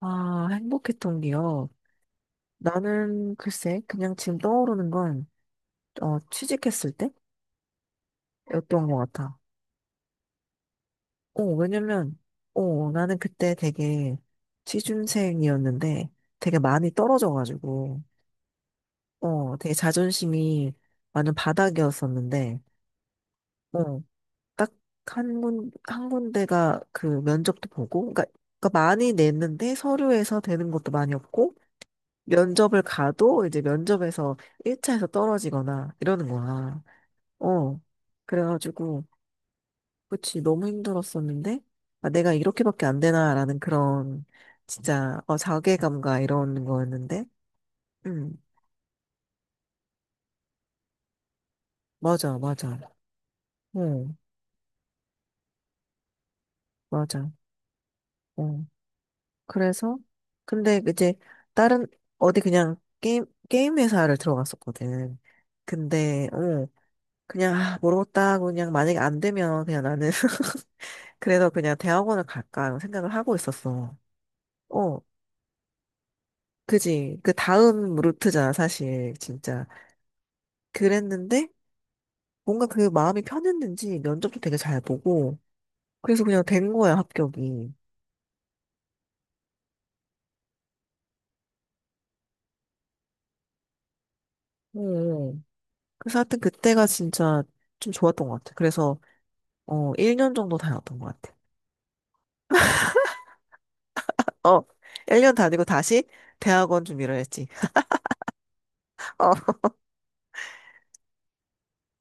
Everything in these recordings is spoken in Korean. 아, 행복했던 기억. 나는 글쎄, 그냥 지금 떠오르는 건, 취직했을 때였던 것 같아. 왜냐면, 나는 그때 되게 취준생이었는데 되게 많이 떨어져가지고, 되게 자존심이 완전 바닥이었었는데, 어, 딱 한 군데가 그 면접도 보고, 그러니까 많이 냈는데 서류에서 되는 것도 많이 없고, 면접을 가도 이제 면접에서 1차에서 떨어지거나 이러는 거야. 어. 그래가지고, 그치, 너무 힘들었었는데, 아, 내가 이렇게밖에 안 되나라는 그런, 진짜, 자괴감과 이런 거였는데, 음, 맞아, 맞아. 어, 맞아. 어. 그래서, 근데 이제, 다른, 어디 그냥 게임 회사를 들어갔었거든. 근데, 그냥, 아, 모르겠다. 그냥 만약에 안 되면 그냥 나는, 그래서 그냥 대학원을 갈까 생각을 하고 있었어. 어, 그지. 그 다음 루트잖아, 사실. 진짜. 그랬는데, 뭔가 그 마음이 편했는지 면접도 되게 잘 보고, 그래서 그냥 된 거야, 합격이. 어. 어. 그래서 하여튼 그때가 진짜 좀 좋았던 것 같아. 그래서, 1년 정도 다녔던 것 같아. 어, 1년 다니고 다시 대학원 준비를 했지. 어,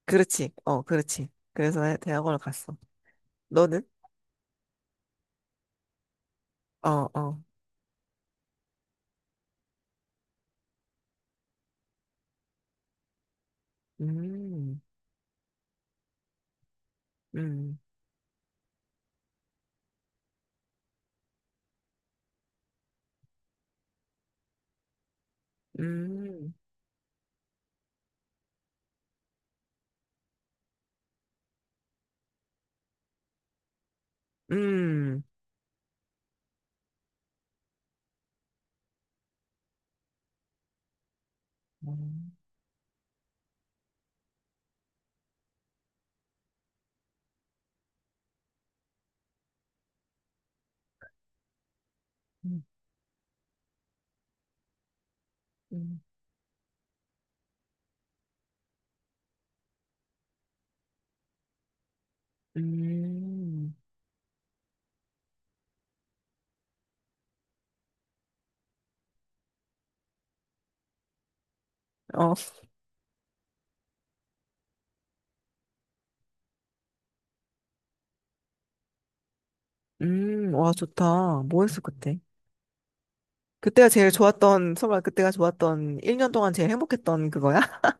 그렇지. 어, 그렇지. 그래서 대학원을 갔어. 너는? 어, 어. 음, 음, 음. 음. 음, 음, 음. 음. 어. 음. 와, 좋다. 뭐 했어 그때? 그때가 제일 좋았던 설마 그때가 좋았던 1년 동안 제일 행복했던 그거야?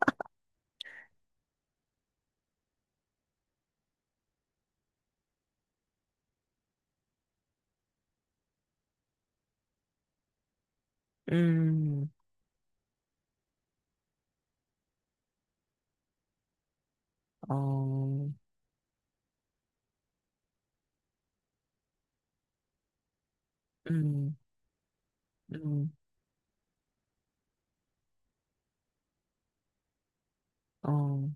음. 어. 음. 음. 어.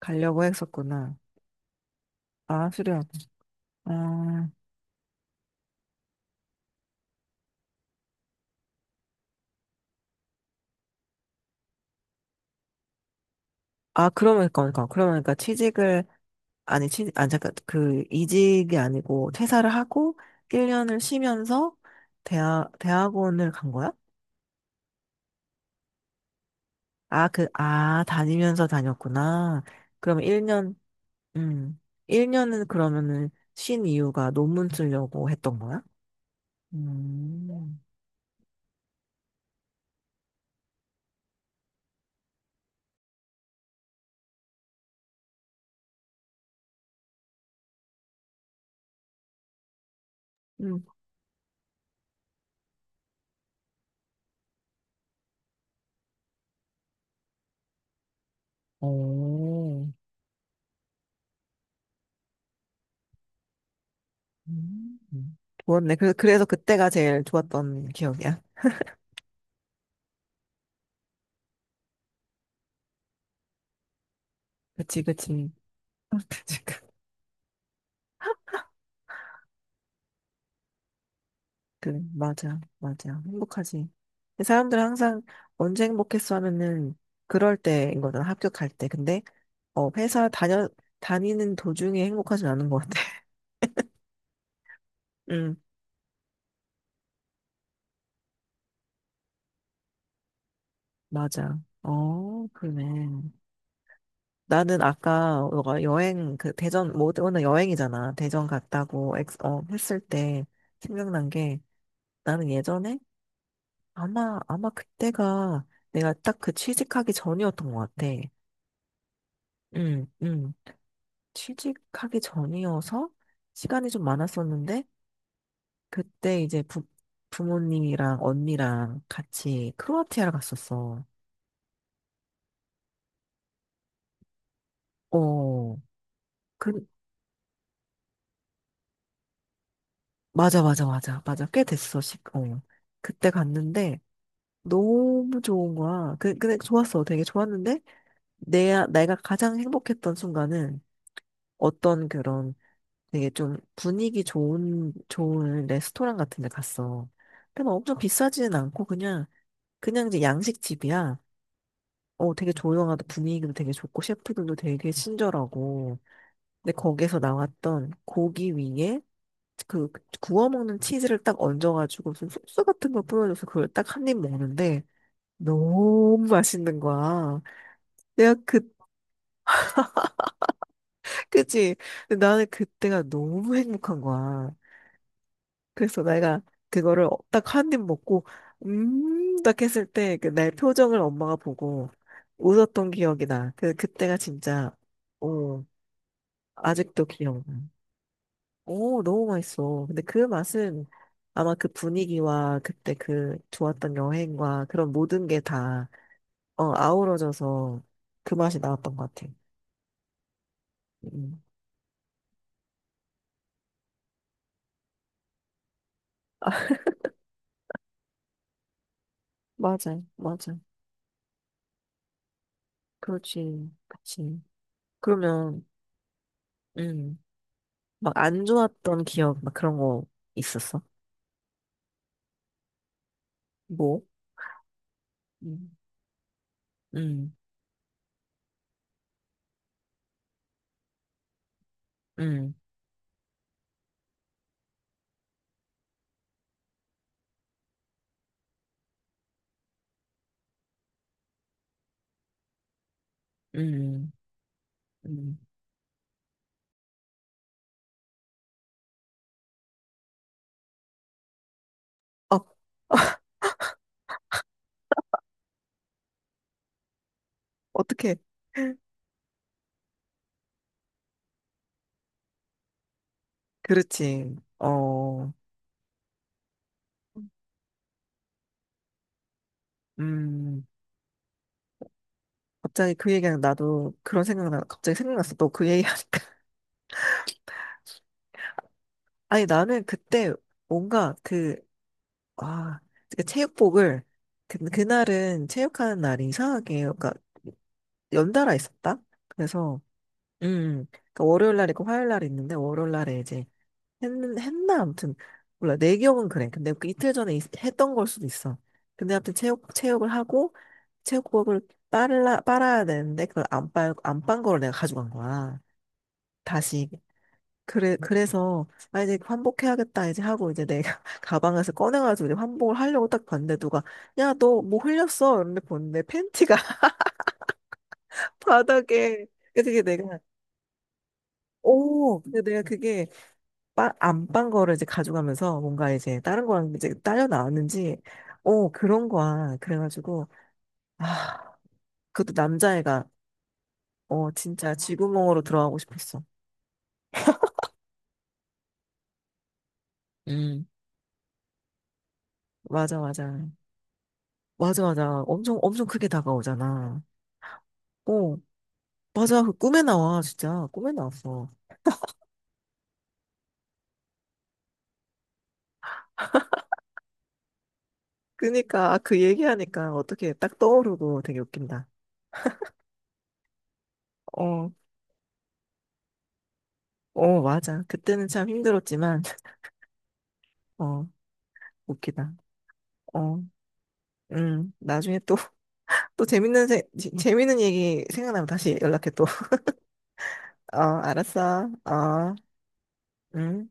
가려고 했었구나. 아, 수련. 아. 아, 그러면 그러니까 그러면 그러니까 취직을, 아니, 아 잠깐, 이직이 아니고, 퇴사를 하고, 1년을 쉬면서, 대학원을 간 거야? 아, 아, 다니면서 다녔구나. 그럼 1년, 음, 1년은 그러면은 쉰 이유가 논문 쓰려고 했던 거야? 음, 음, 오, 음. 좋았네. 그래서 그때가 제일 좋았던 기억이야. 그치, 그치. 지금. 그래, 맞아, 맞아. 행복하지. 근데 사람들은 항상 언제 행복했어 하면은 그럴 때인 거잖아, 합격할 때. 근데, 회사 다니는 도중에 행복하진 않은 것 같아. 응. 맞아. 어, 그러네. 나는 아까 너가 여행, 그 대전, 뭐, 오늘 여행이잖아. 대전 갔다고 했을 때 생각난 게 나는 예전에 아마 그때가 내가 딱 그 취직하기 전이었던 것 같아. 응, 응. 취직하기 전이어서 시간이 좀 많았었는데 그때 이제 부모님이랑 언니랑 같이 크로아티아를 갔었어. 어, 그, 맞아, 맞아, 맞아, 맞아. 꽤 됐어, 십, 어. 그때 갔는데, 너무 좋은 거야. 근데 좋았어. 되게 좋았는데, 내가 가장 행복했던 순간은 어떤 그런 되게 좀 분위기 좋은 레스토랑 같은 데 갔어. 근데 막 엄청 비싸지는 않고, 그냥 이제 양식집이야. 되게 조용하다. 분위기도 되게 좋고, 셰프들도 되게 친절하고. 근데 거기서 나왔던 고기 위에 그 구워 먹는 치즈를 딱 얹어가지고 무슨 소스 같은 걸 뿌려줘서 그걸 딱 한 입 먹는데 너무 맛있는 거야. 내가 그치? 근데 나는 그때가 너무 행복한 거야. 그래서 내가 그거를 딱 한 입 먹고 딱 했을 때 그 내 표정을 엄마가 보고 웃었던 기억이 나. 그때가 진짜 어 아직도 기억. 오, 너무 맛있어. 근데 그 맛은 아마 그 분위기와 그때 그 좋았던 여행과 그런 모든 게 다, 아우러져서 그 맛이 나왔던 것 같아. 음. 맞아, 맞아. 그렇지, 그치. 그러면, 음, 막 안 좋았던 기억, 막 그런 거 있었어? 뭐? 음, 음, 음, 음, 음. 어, 어떻게? 그렇지. 어, 음. 갑자기 그 얘기하 나도 그런 생각나, 갑자기 생각났어. 너 그 얘기 아니, 나는 그때 뭔가 아, 그 체육복을, 그날은 체육하는 날이 이상하게, 그러니까 연달아 있었다? 그래서, 그러니까 월요일 날 있고 화요일 날 있는데, 월요일 날에 이제 했, 했나? 아무튼, 몰라. 내 기억은 그래. 근데 그 이틀 전에 했던 걸 수도 있어. 근데 아무튼 체육을 하고, 체육복을 빨아야 되는데, 그걸 안 빨, 안빤 거를 내가 가져간 거야. 다시 그래, 그래서, 아, 이제 환복해야겠다, 이제 하고, 이제 내가 가방에서 꺼내가지고 이제 환복을 하려고 딱 봤는데, 누가, 야, 너 뭐 흘렸어? 이러는데 보는데, 팬티가 바닥에. 그래서 게 내가, 오! 근데 내가 그게, 안빤 거를 이제 가져가면서, 뭔가 이제, 다른 거랑 이제 딸려 나왔는지, 오, 그런 거야. 그래가지고, 아, 그것도 남자애가, 진짜 쥐구멍으로 들어가고 싶었어. 음. 맞아, 맞아. 맞아, 맞아. 엄청, 엄청 크게 다가오잖아. 어, 맞아. 그 꿈에 나와. 진짜. 꿈에 나왔어. 그니까, 아, 그 얘기하니까 어떻게 딱 떠오르고 되게 웃긴다. 어, 어, 맞아. 그때는 참 힘들었지만, 어, 웃기다. 어, 나중에 또, 또 재밌는 얘기 생각나면 다시 연락해 또. 어, 알았어. 어, 음.